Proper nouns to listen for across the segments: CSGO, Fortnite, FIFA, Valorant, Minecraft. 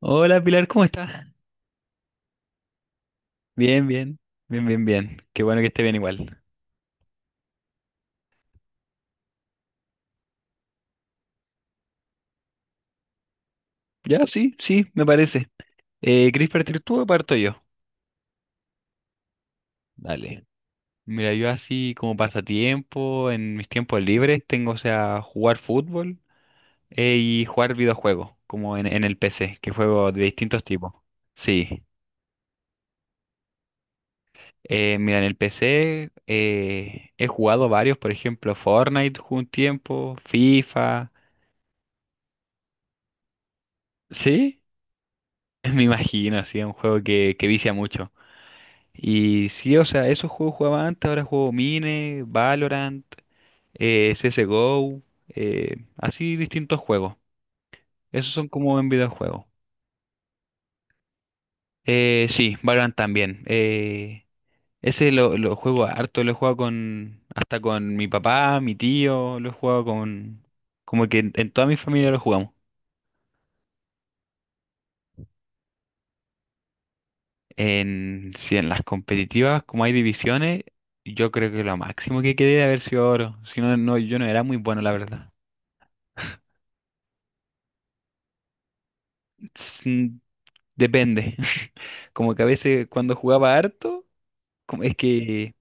Hola Pilar, ¿cómo estás? Bien, bien, bien, bien, bien. Qué bueno que esté bien igual. Ya, sí, sí, me parece. ¿Querés partir tú o parto yo? Dale. Mira, yo así como pasatiempo, en mis tiempos libres, tengo, o sea, jugar fútbol y jugar videojuegos, como en el PC, que juego de distintos tipos. Sí. Mira, en el PC he jugado varios, por ejemplo, Fortnite jugué un tiempo, FIFA. ¿Sí? Me imagino, sí, es un juego que vicia mucho. Y sí, o sea, esos juegos jugaba antes, ahora juego Mine, Valorant, CSGO, así distintos juegos. Esos son como en videojuegos. Sí, Valorant también. Ese lo juego harto, lo he jugado con, hasta con mi papá, mi tío, lo he jugado con... Como que en toda mi familia lo jugamos. Sí, en las competitivas, como hay divisiones, yo creo que lo máximo que quedé de haber sido oro. Si no, no, yo no era muy bueno, la verdad. Depende. Como que a veces cuando jugaba harto, es que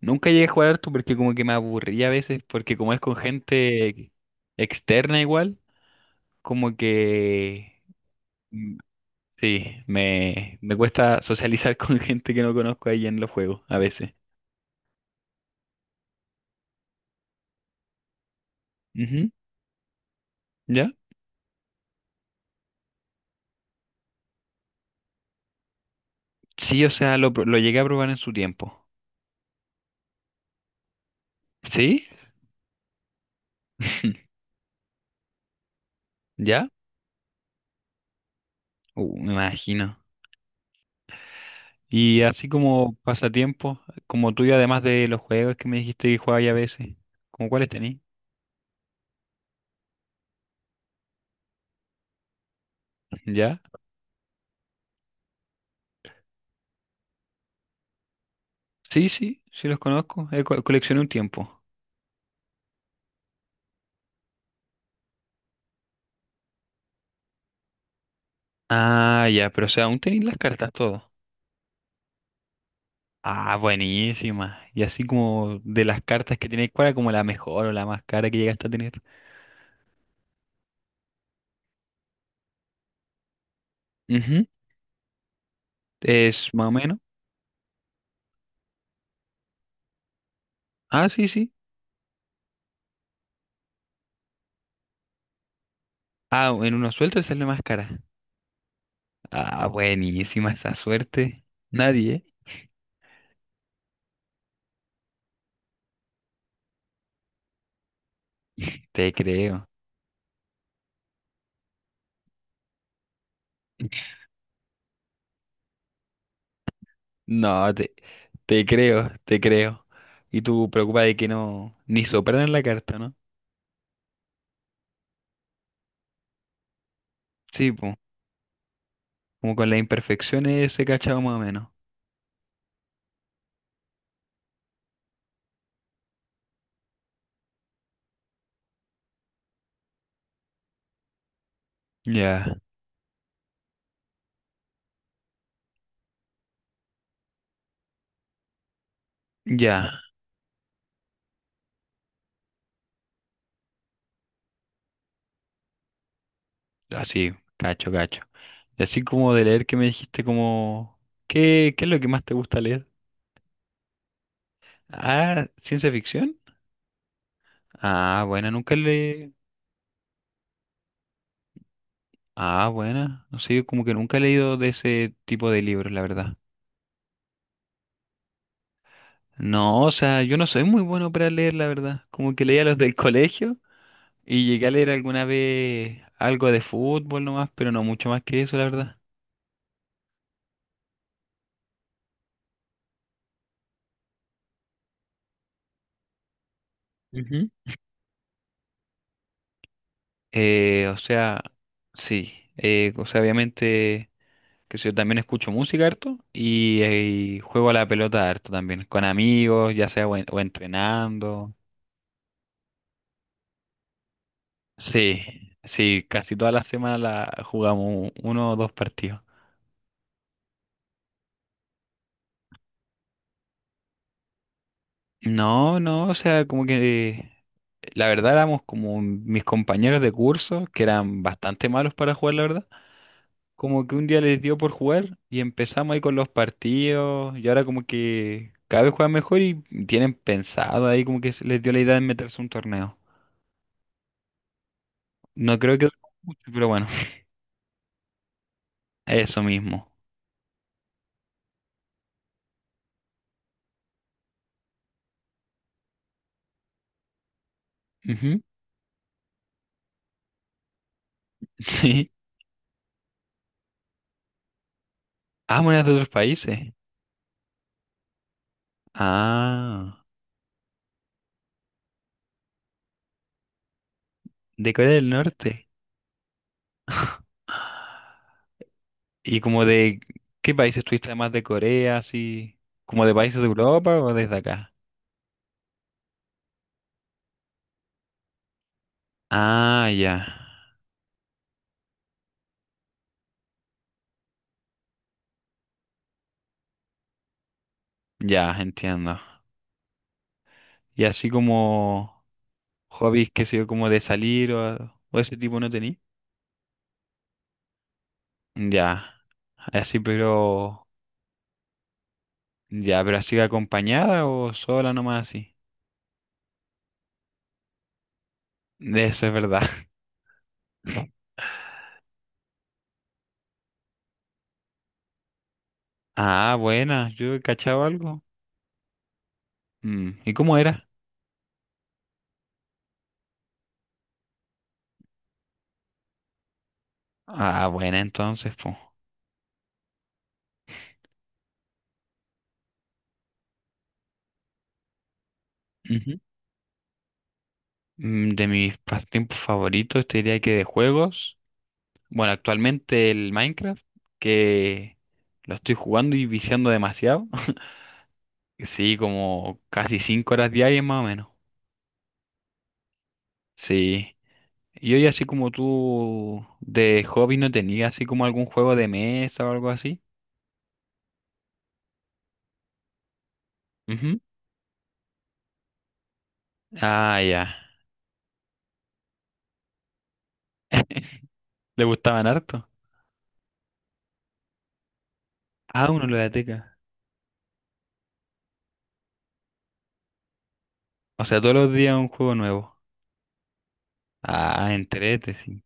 nunca llegué a jugar harto porque como que me aburría a veces, porque como es con gente externa igual, como que mm, sí, me cuesta socializar con gente que no conozco ahí en los juegos a veces. Ujú, ¿Ya? Sí, o sea, lo llegué a probar en su tiempo. ¿Sí? ¿Ya? Me imagino. Y así como pasatiempos, como tuyo, además de los juegos que me dijiste que jugabas a veces, ¿como cuáles tenés? ¿Ya? Sí, sí, sí los conozco. Coleccioné un tiempo. Ah, ya, pero o sea, aún tenéis las cartas todo. Ah, buenísima. Y así como de las cartas que tenéis, ¿cuál era como la mejor o la más cara que llegaste a tener? Ujú, es más o menos. Ah, sí, sí. Ah, en una suelta sale más cara. Ah, buenísima esa suerte. Nadie, ¿eh? Te creo. No, te creo, te creo. Y tú preocupas de que no, ni sopraran la carta, ¿no? Sí, pues, como con las imperfecciones se cachaba más o menos. Ya, ya, así, cacho, cacho. Y así como de leer que me dijiste como, ¿qué es lo que más te gusta leer? Ah, ciencia ficción. Ah, buena, nunca le... Ah, buena, no sé, yo como que nunca he leído de ese tipo de libros, la verdad. No, o sea, yo no soy muy bueno para leer, la verdad. Como que leía los del colegio. Y llegué a leer alguna vez algo de fútbol nomás, pero no mucho más que eso, la verdad. Ujú. O sea, sí. O sea, obviamente, que yo también escucho música harto y juego a la pelota harto también, con amigos, ya sea o entrenando. Sí, sí, casi toda la semana la jugamos uno o dos partidos. No, no, o sea, como que la verdad éramos como mis compañeros de curso, que eran bastante malos para jugar, la verdad. Como que un día les dio por jugar y empezamos ahí con los partidos y ahora como que cada vez juegan mejor y tienen pensado ahí como que se les dio la idea de meterse a un torneo. No creo que dure mucho, pero bueno, eso mismo. Ujú. Sí. Ah, monedas de otros países. Ah, de Corea del Norte. ¿Y como de qué países estuviste además de Corea, así? ¿Como de países de Europa o desde acá? Ah, ya. Ya, entiendo. Y así como... hobbies que sé yo, como de salir o ese tipo no tení. Ya, así pero, ya, pero así acompañada o sola nomás así. Eso es verdad. Ah, buena, yo he cachado algo. ¿Y cómo era? Ah, buena entonces, pues. De mis pasatiempos favoritos, te diría que de juegos. Bueno, actualmente el Minecraft, que lo estoy jugando y viciando demasiado. Sí, como casi 5 horas diarias más o menos. Sí. Y hoy, así como tú de hobby, ¿no tenías así como algún juego de mesa o algo así? Ujú. Ah, ya. ¿Le gustaban harto? Ah, uno lo teca. O sea, todos los días un juego nuevo. Ah, entrete, sí.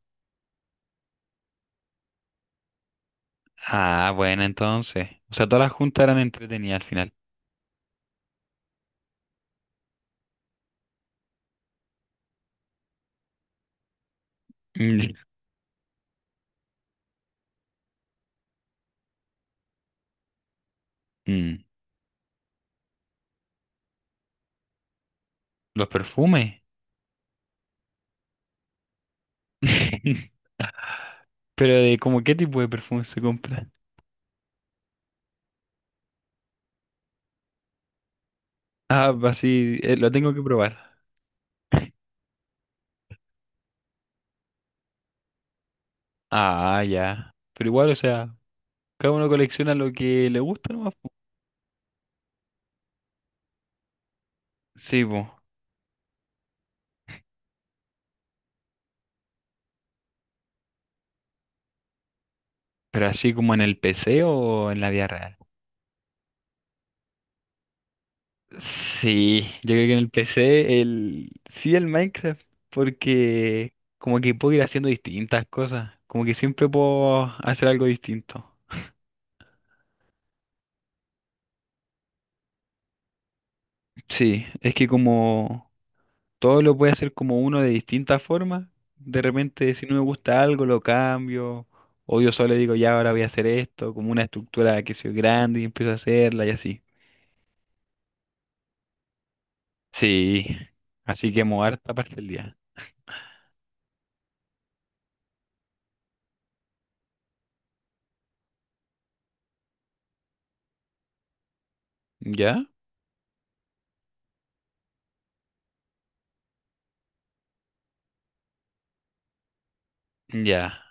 Ah, bueno, entonces. O sea, todas las juntas eran entretenidas al final. Mm, mm. Los perfumes. Pero de como qué tipo de perfume se compra. Ah, así, lo tengo que probar. Ah, ya. Pero igual, o sea, cada uno colecciona lo que le gusta, ¿no? Sí, bo. Pero así como en el PC o en la vida real. Sí, yo creo que en el PC el sí el Minecraft porque como que puedo ir haciendo distintas cosas, como que siempre puedo hacer algo distinto. Sí, es que como todo lo puede hacer como uno de distintas formas, de repente si no me gusta algo lo cambio o yo solo digo ya ahora voy a hacer esto, como una estructura que sea grande y empiezo a hacerla y así. Sí, así que mover esta parte del día. ¿Ya? Ya.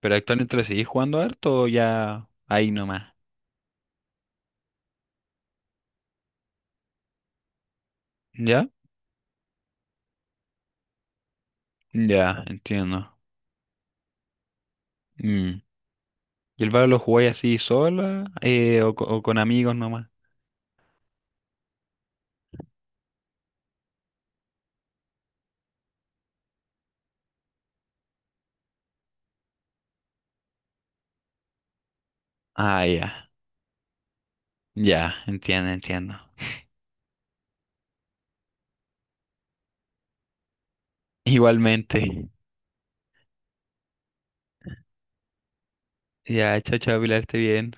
¿Pero actualmente lo seguís jugando harto o ya ahí nomás? ¿Ya? Ya, entiendo. Mm. ¿Y el Valorant lo jugáis así sola o con amigos nomás? Ah, ya. Ya, entiendo, entiendo. Igualmente. Ya, chao, chao, Pilar, esté bien.